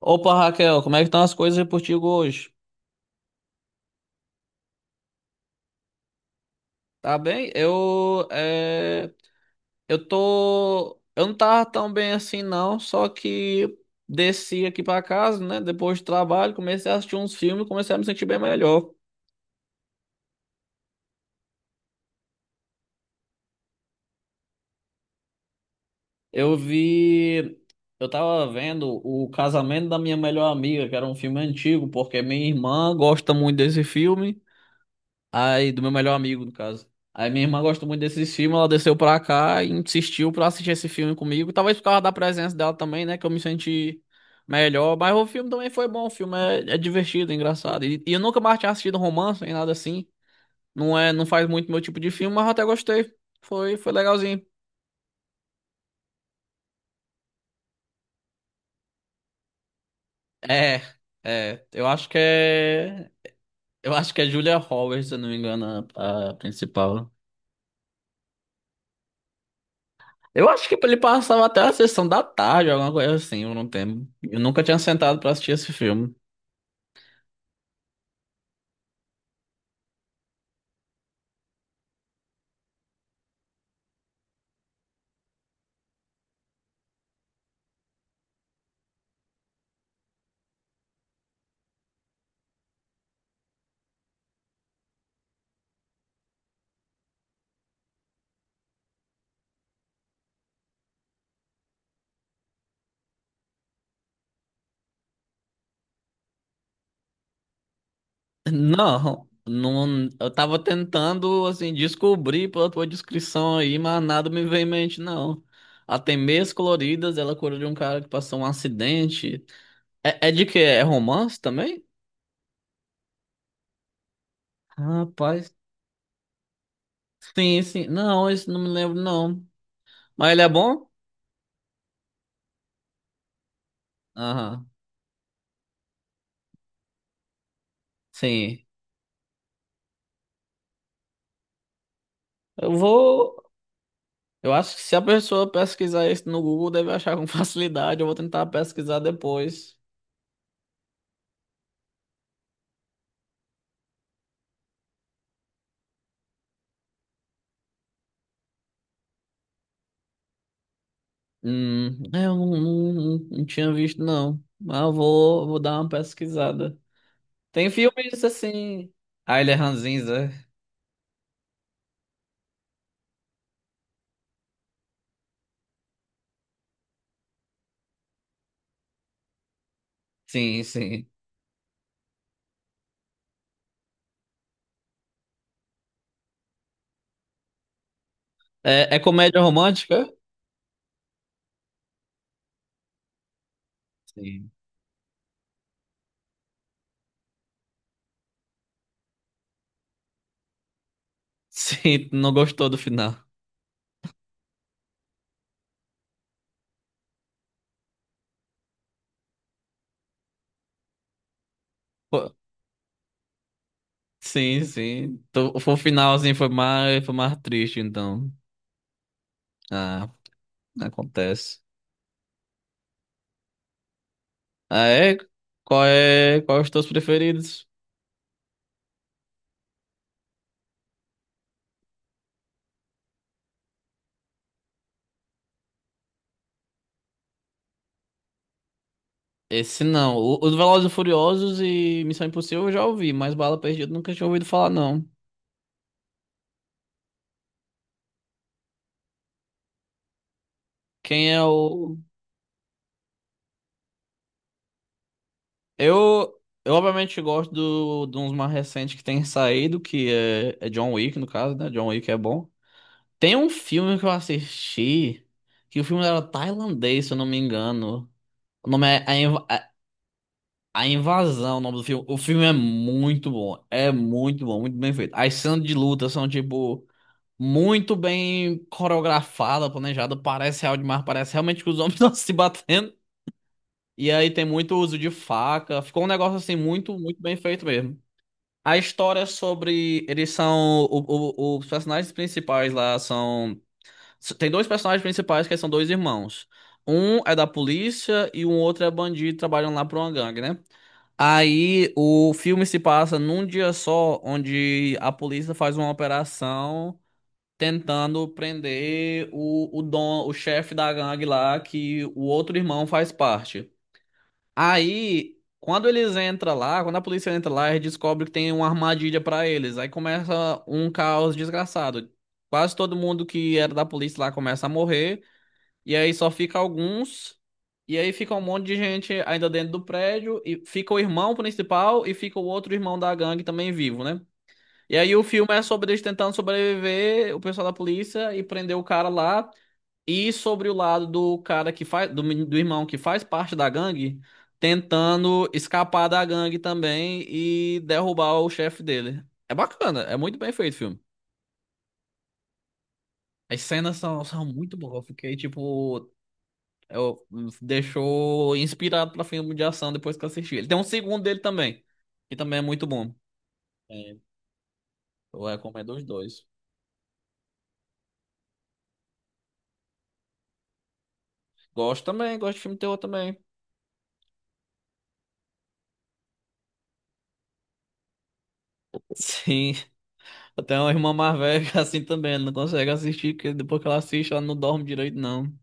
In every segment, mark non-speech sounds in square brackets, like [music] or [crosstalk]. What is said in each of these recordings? Opa, Raquel, como é que estão as coisas aí por ti hoje? Tá bem? Eu tô, eu não tava tão bem assim não, só que desci aqui pra casa, né, depois do trabalho, comecei a assistir uns filmes, e comecei a me sentir bem melhor. Eu vi, eu tava vendo O Casamento da Minha Melhor Amiga, que era um filme antigo, porque minha irmã gosta muito desse filme. Aí, do meu melhor amigo, no caso. Aí minha irmã gosta muito desses filmes, ela desceu pra cá e insistiu pra assistir esse filme comigo. Talvez por causa da presença dela também, né? Que eu me senti melhor. Mas o filme também foi bom, o filme é divertido, engraçado. E eu nunca mais tinha assistido romance nem nada assim. Não é, não faz muito meu tipo de filme, mas eu até gostei. Foi, foi legalzinho. É, é. Eu acho que é. Eu acho que é Julia Roberts, se eu não me engano, a principal. Eu acho que ele passava até a sessão da tarde, alguma coisa assim, eu não tenho. Eu nunca tinha sentado pra assistir esse filme. Não, não, eu tava tentando, assim, descobrir pela tua descrição aí, mas nada me veio em mente, não. A Tem Meias Coloridas, ela cura de um cara que passou um acidente. É, é de quê? É romance também? Rapaz, sim, sim. Não, isso não me lembro, não. Mas ele é bom? Aham, sim. Eu vou. Eu acho que se a pessoa pesquisar isso no Google, deve achar com [laughs] facilidade. Eu vou tentar pesquisar depois. É, eu não tinha visto, não. Mas eu vou, vou dar uma pesquisada. Tem filmes assim. Ah, ele é ranzinza. Sim, sim. É, é comédia romântica? Sim. Sim, tu não gostou do final. Pô, sim, sim. Tu- foi o final assim foi mais triste, então. Ah, acontece. Ah, é? Qual é, qual é os teus preferidos? Esse não. O- Os Velozes e Furiosos e Missão Impossível eu já ouvi, mas Bala Perdida eu nunca tinha ouvido falar, não. Quem é o. Eu, eu obviamente gosto do, de uns mais recentes que tem saído, que é John Wick, no caso, né? John Wick é bom. Tem um filme que eu assisti, que o filme era tailandês, se eu não me engano. O nome é A, Inv- A Invasão, o nome do filme. O filme é muito bom. É muito bom, muito bem feito. As cenas de luta são tipo. Muito bem coreografada, planejada. Parece real demais, parece realmente que os homens [laughs] estão se batendo. E aí tem muito uso de faca. Ficou um negócio assim muito, muito bem feito mesmo. A história é sobre. Eles são. O- os personagens principais lá são. Tem dois personagens principais que são dois irmãos. Um é da polícia e um outro é bandido, trabalham lá pra uma gangue, né? Aí o filme se passa num dia só, onde a polícia faz uma operação tentando prender o dom, o chefe da gangue lá, que o outro irmão faz parte. Aí, quando eles entram lá, quando a polícia entra lá, eles descobrem que tem uma armadilha pra eles. Aí começa um caos desgraçado. Quase todo mundo que era da polícia lá começa a morrer, e aí só fica alguns. E aí fica um monte de gente ainda dentro do prédio, e fica o irmão principal e fica o outro irmão da gangue também vivo, né? E aí o filme é sobre eles tentando sobreviver, o pessoal da polícia e prender o cara lá. E sobre o lado do cara que faz, do, meni- do irmão que faz parte da gangue, tentando escapar da gangue também e derrubar o chefe dele. É bacana, é muito bem feito o filme. As cenas são, são muito boas. Eu fiquei tipo. Eu, deixou inspirado pra filme de ação depois que eu assisti. Ele tem um segundo dele também, que também é muito bom. É, eu recomendo os dois. Gosto também, gosto de filme terror também. Sim, até uma irmã mais velha [laughs] que é assim também, ela não consegue assistir, porque depois que ela assiste, ela não dorme direito, não.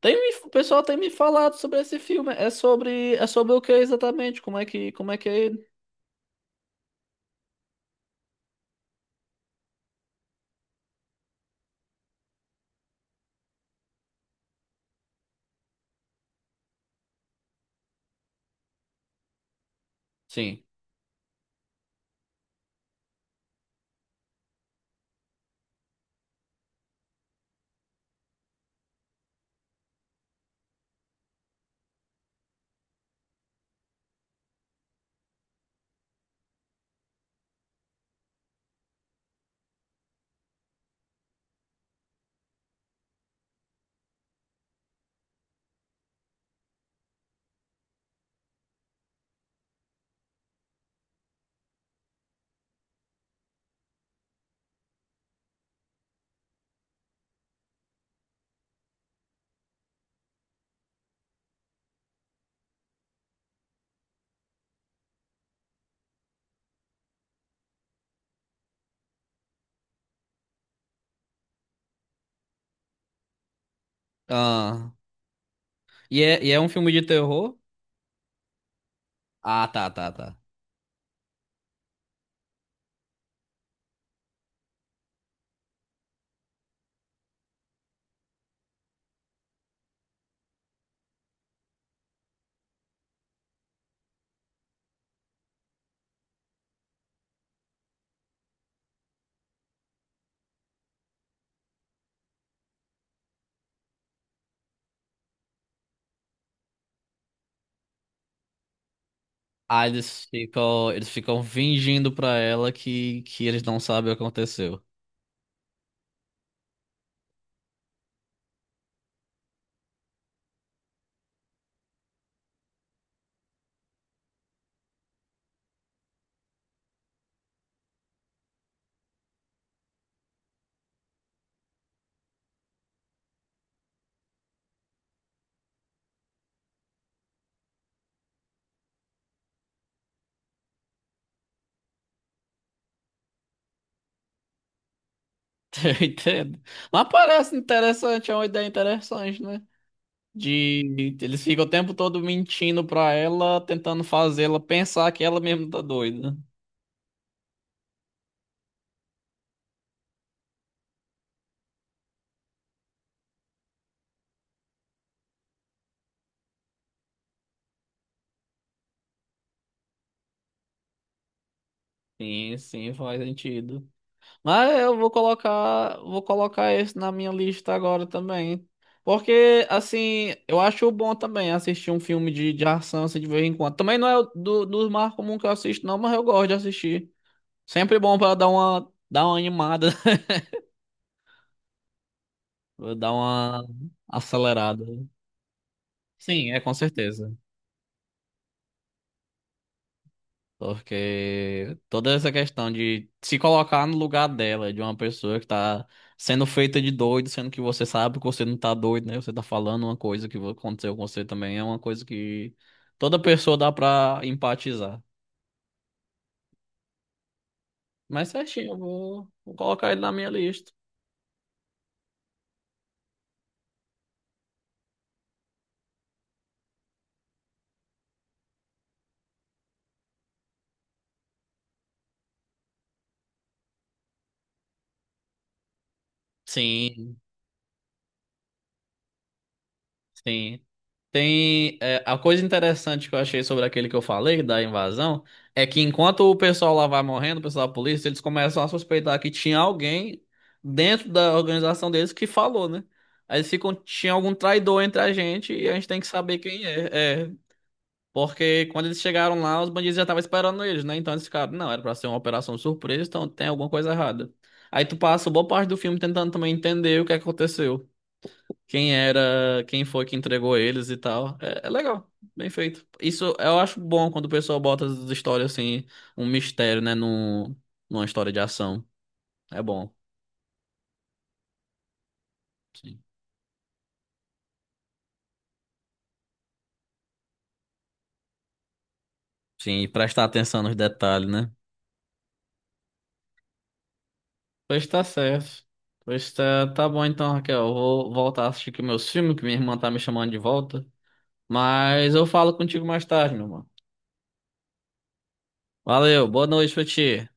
Tem, me- o pessoal tem me falado sobre esse filme. É sobre o que exatamente? Como é que é ele? Sim. Ah, e é um filme de terror? Ah, tá, tá, tá. Ah, eles ficam fingindo pra ela que eles não sabem o que aconteceu. [laughs] Eu entendo. Mas parece interessante, é uma ideia interessante, né? De, eles ficam o tempo todo mentindo pra ela, tentando fazê-la pensar que ela mesma tá doida. Sim, sim, faz sentido. Mas eu vou colocar esse na minha lista agora também. Porque, assim, eu acho bom também assistir um filme de ação assim, de vez em quando. Também não é o do, dos mais comuns que eu assisto, não, mas eu gosto de assistir. Sempre bom pra dar uma animada, [laughs] pra dar uma acelerada. Sim, é com certeza. Porque toda essa questão de se colocar no lugar dela, de uma pessoa que tá sendo feita de doido, sendo que você sabe que você não tá doido, né? Você tá falando uma coisa que aconteceu com você também, é uma coisa que toda pessoa dá pra empatizar. Mas certinho, eu vou, vou colocar ele na minha lista. Sim. Sim. Tem, é, a coisa interessante que eu achei sobre aquele que eu falei, da invasão, é que enquanto o pessoal lá vai morrendo, o pessoal da polícia, eles começam a suspeitar que tinha alguém dentro da organização deles que falou, né? Aí eles ficam, tinha algum traidor entre a gente e a gente tem que saber quem é. É, porque quando eles chegaram lá, os bandidos já estavam esperando eles, né? Então eles ficaram, não, era pra ser uma operação surpresa, então tem alguma coisa errada. Aí tu passa boa parte do filme tentando também entender o que aconteceu quem era, quem foi que entregou eles e tal. É, é legal, bem feito. Isso eu acho bom quando o pessoal bota as histórias assim, um mistério, né, num, numa história de ação. É bom. Sim. Sim, e prestar atenção nos detalhes, né? Pois tá certo. Pois tá, tá bom então, Raquel. Eu vou voltar a assistir aqui meus filmes, que minha irmã tá me chamando de volta. Mas eu falo contigo mais tarde, meu mano. Valeu, boa noite pra ti.